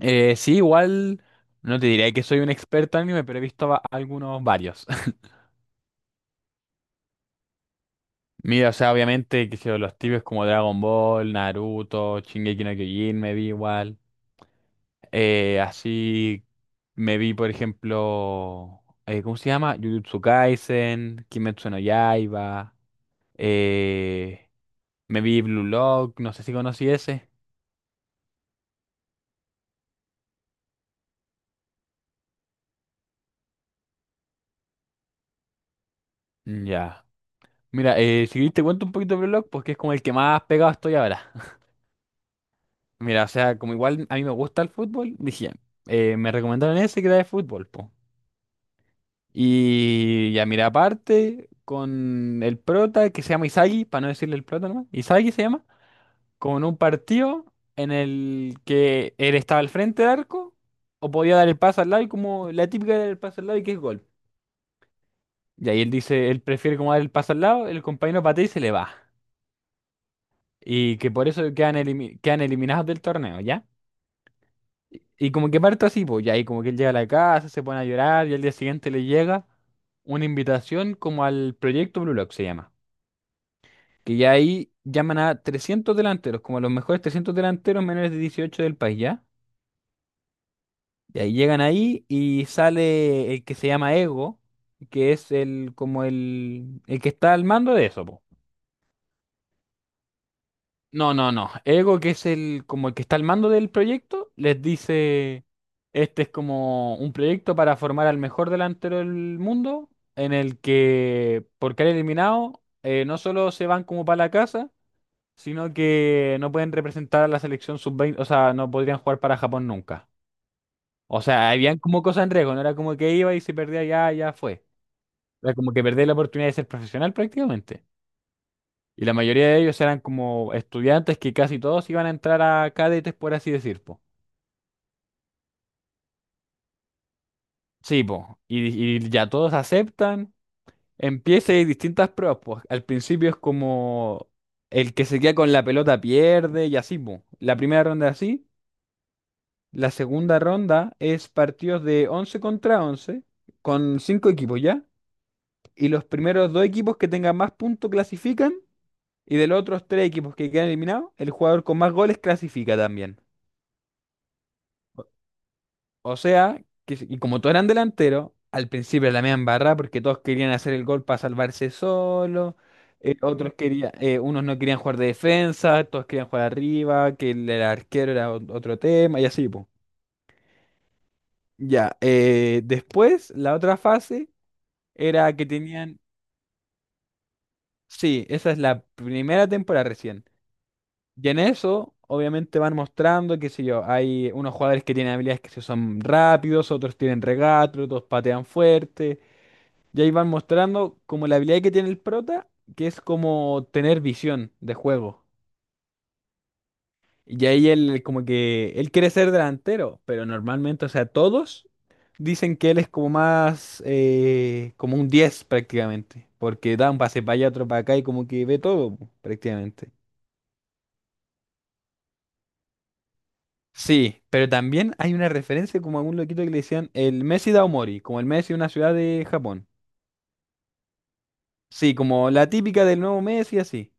Sí, igual no te diré que soy un experto en anime, pero he visto algunos varios. Mira, o sea, obviamente, que sé yo, los tibios como Dragon Ball, Naruto, Shingeki no Kyojin, me vi igual. Así me vi, por ejemplo, ¿cómo se llama? Jujutsu Kaisen, Kimetsu no Yaiba. eh, Me vi Blue Lock, no sé si conocí ese. Ya. Mira, si te cuento un poquito de Blue Lock, porque es como el que más pegado estoy ahora. Mira, o sea, como igual a mí me gusta el fútbol, dije, me recomendaron ese que era de fútbol, po. Y ya, mira, aparte, con el prota, que se llama Isagi, para no decirle el prota nomás, Isagi se llama, con un partido en el que él estaba al frente del arco, o podía dar el pase al lado, y como la típica era el pase al lado y que es gol. Y ahí él dice, él prefiere como dar el pase al lado, el compañero patea y se le va. Y que por eso quedan eliminados del torneo, ¿ya? Y como que parto así, pues, ya, y como que él llega a la casa, se pone a llorar, y al día siguiente le llega una invitación como al proyecto Blue Lock, se llama. Que ya ahí llaman a 300 delanteros, como a los mejores 300 delanteros menores de 18 del país, ¿ya? Y ahí llegan ahí y sale el que se llama Ego, que es el como el que está al mando de eso, pues. No, no, no. Ego, que es el como el que está al mando del proyecto, les dice, este es como un proyecto para formar al mejor delantero del mundo, en el que por caer eliminado no solo se van como para la casa, sino que no pueden representar a la selección sub 20, o sea, no podrían jugar para Japón nunca. O sea, habían como cosas en riesgo, no era como que iba y si perdía ya, ya fue. Era como que perdía la oportunidad de ser profesional prácticamente. Y la mayoría de ellos eran como estudiantes que casi todos iban a entrar a cadetes, por así decir, po. Sí, po. Y ya todos aceptan. Empieza y hay distintas pruebas, pues. Al principio es como el que se queda con la pelota pierde y así, po. La primera ronda es así. La segunda ronda es partidos de 11 contra 11 con 5 equipos ya. Y los primeros dos equipos que tengan más puntos clasifican. Y de los otros tres equipos que quedan eliminados, el jugador con más goles clasifica también. O sea, que, y como todos eran delanteros, al principio la media barra porque todos querían hacer el gol para salvarse solo, otros querían, unos no querían jugar de defensa, todos querían jugar arriba, que el arquero era otro tema y así, po. Ya, después la otra fase era que tenían, sí, esa es la primera temporada recién. Y en eso, obviamente van mostrando, qué sé yo, hay unos jugadores que tienen habilidades que se son rápidos, otros tienen regates, otros patean fuerte. Y ahí van mostrando como la habilidad que tiene el prota, que es como tener visión de juego. Y ahí él como que él quiere ser delantero, pero normalmente, o sea, todos dicen que él es como más, como un 10 prácticamente, porque da un pase para allá, otro para acá y como que ve todo po, prácticamente. Sí, pero también hay una referencia como a un loquito que le decían el Messi Daomori, como el Messi de una ciudad de Japón. Sí, como la típica del nuevo Messi, así.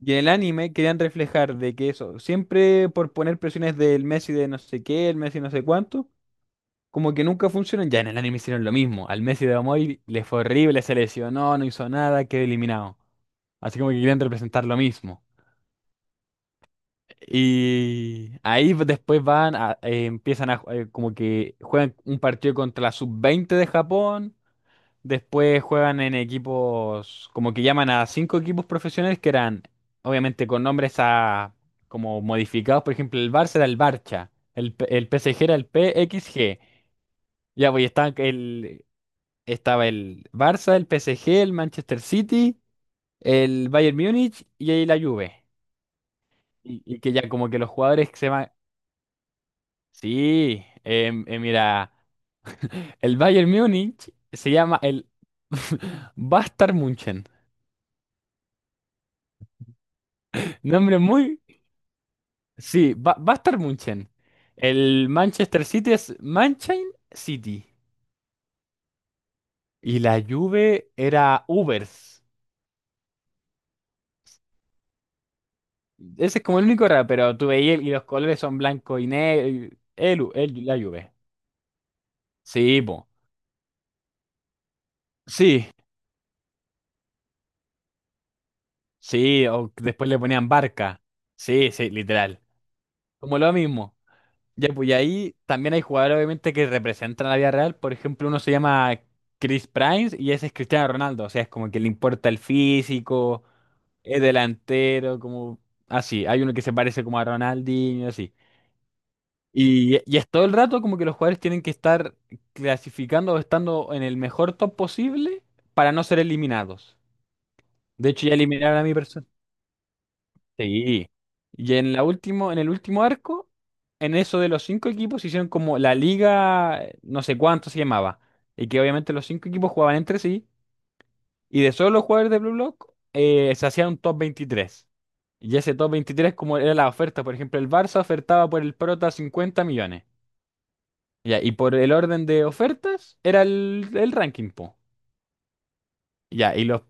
Y en el anime querían reflejar de que eso, siempre por poner presiones del Messi de no sé qué, el Messi no sé cuánto, como que nunca funcionan. Ya en el anime hicieron lo mismo. Al Messi de Amoy le fue horrible, se lesionó, no hizo nada, quedó eliminado. Así como que querían representar lo mismo. Y ahí pues, después van, empiezan a, como que juegan un partido contra la sub-20 de Japón. Después juegan en equipos, como que llaman a cinco equipos profesionales que eran, obviamente, con nombres a, como modificados. Por ejemplo, el Barça era el Barça, el PSG era el PXG. Ya, pues y estaba el Barça, el PSG, el Manchester City, el Bayern Múnich y ahí la Juve. Y que ya como que los jugadores que se llaman... Sí, mira, el Bayern Múnich se llama el Bastard München. Nombre muy. Sí, va a estar Munchen. El Manchester City es Manchine City. Y la Juve era Ubers. Ese es como el único raro, pero tú veías y los colores son blanco y negro. La Juve. Sí, po. Sí, sí, o después le ponían Barca. Sí, sí, literal. Como lo mismo. Ya, pues y ahí también hay jugadores obviamente que representan la vida real. Por ejemplo, uno se llama Chris Primes y ese es Cristiano Ronaldo. O sea, es como que le importa el físico. Es delantero, como así. Hay uno que se parece como a Ronaldinho, así. Y es todo el rato como que los jugadores tienen que estar clasificando o estando en el mejor top posible para no ser eliminados. De hecho, ya eliminaron a mi persona. Sí. Y en el último arco, en eso de los cinco equipos, hicieron como la liga, no sé cuánto se llamaba. Y que obviamente los cinco equipos jugaban entre sí. Y de solo los jugadores de Blue Block, se hacía un top 23. Y ese top 23 como era la oferta, por ejemplo, el Barça ofertaba por el Prota 50 millones. Ya, y por el orden de ofertas era el ranking, po. Ya, y los,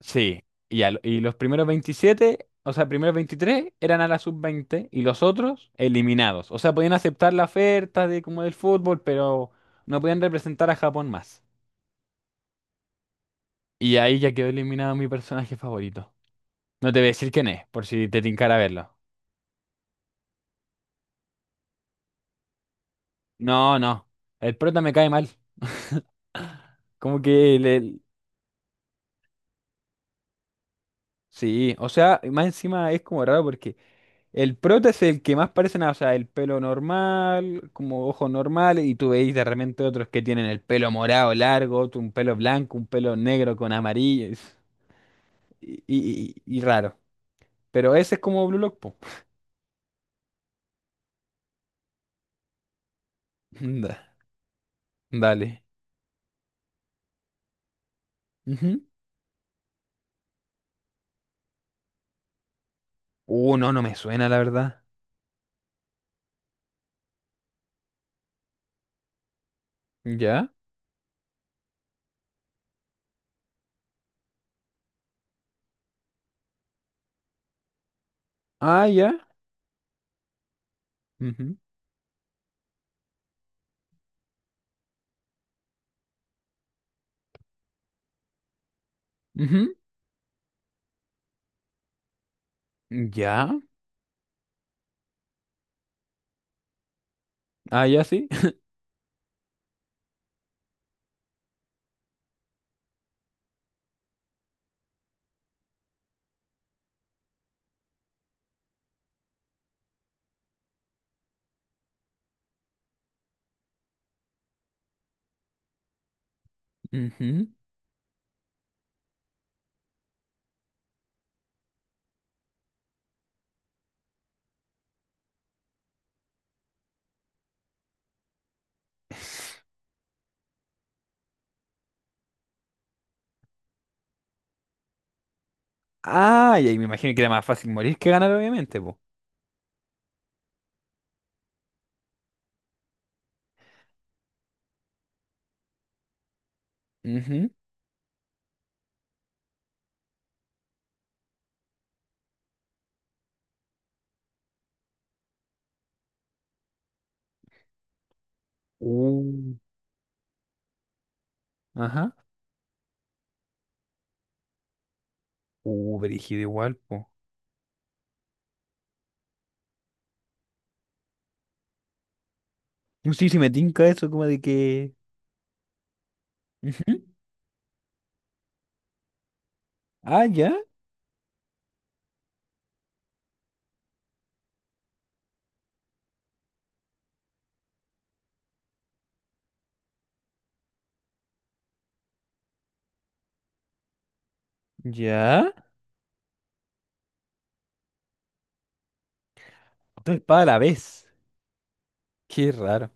sí, ya, y los primeros 27, o sea, primeros 23 eran a la sub 20 y los otros eliminados. O sea, podían aceptar la oferta de como del fútbol, pero no podían representar a Japón más. Y ahí ya quedó eliminado mi personaje favorito. No te voy a decir quién es, por si te tincara verlo. No, no. El prota me cae mal. Como que le... Sí, o sea, más encima es como raro porque el prota es el que más parece nada. O sea, el pelo normal, como ojos normales, y tú veis de repente otros que tienen el pelo morado largo, otro un pelo blanco, un pelo negro con amarillo. Y raro. Pero ese es como Blue Lock, po. Da- Dale. Ujú. No, no me suena, la verdad. ¿Ya? Ah, ya. Ujú. Ujú. ¿Ya? Ah, ya sí. Ujú. Ah, y ahí me imagino que era más fácil morir que ganar, obviamente, po. Ujú. Uh, Ajá. Brígido igual, po. No sé si me tinca eso, como de que. Ujú. Ah, ya. Ya. Dos espadas a la vez. Qué raro.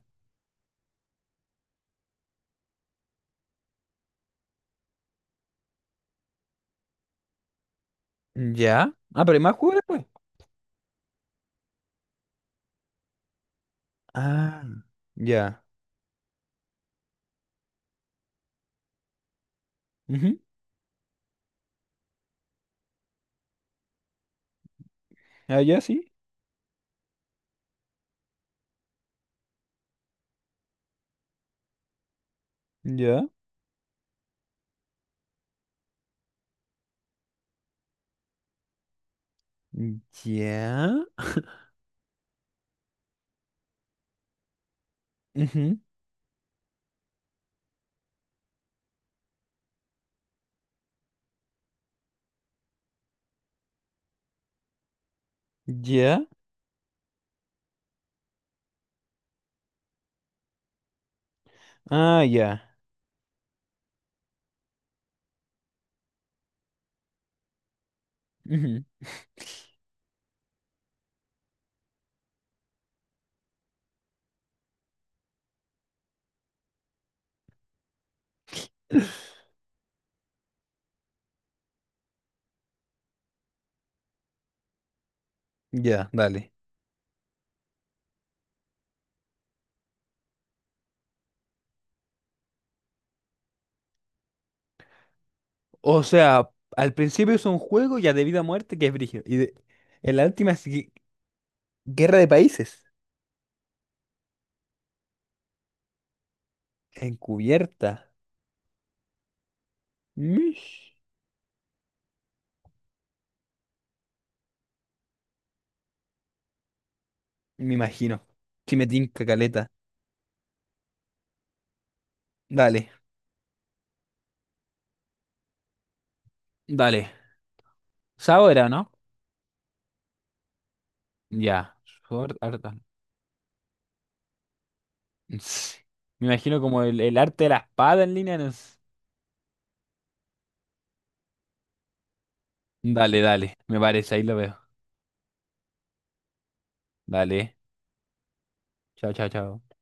Ya. Ah, pero hay más juegos después. Ah, ya. Ujú. Ah, ya, sí. Ya. Ya. Ujú. Ya. Ah, ya. Ujú. Ya, dale. O sea, al principio es un juego ya de vida o muerte que es brígido. En la última es guerra de países. Encubierta. Mish. Me imagino. Si me tinca caleta. Dale. Dale. Sabora, ¿no? Ya. Sword Art Ts. Me imagino como el arte de la espada en línea. No es- Dale, dale. Me parece, ahí lo veo. Dale. Chao, chao, chao.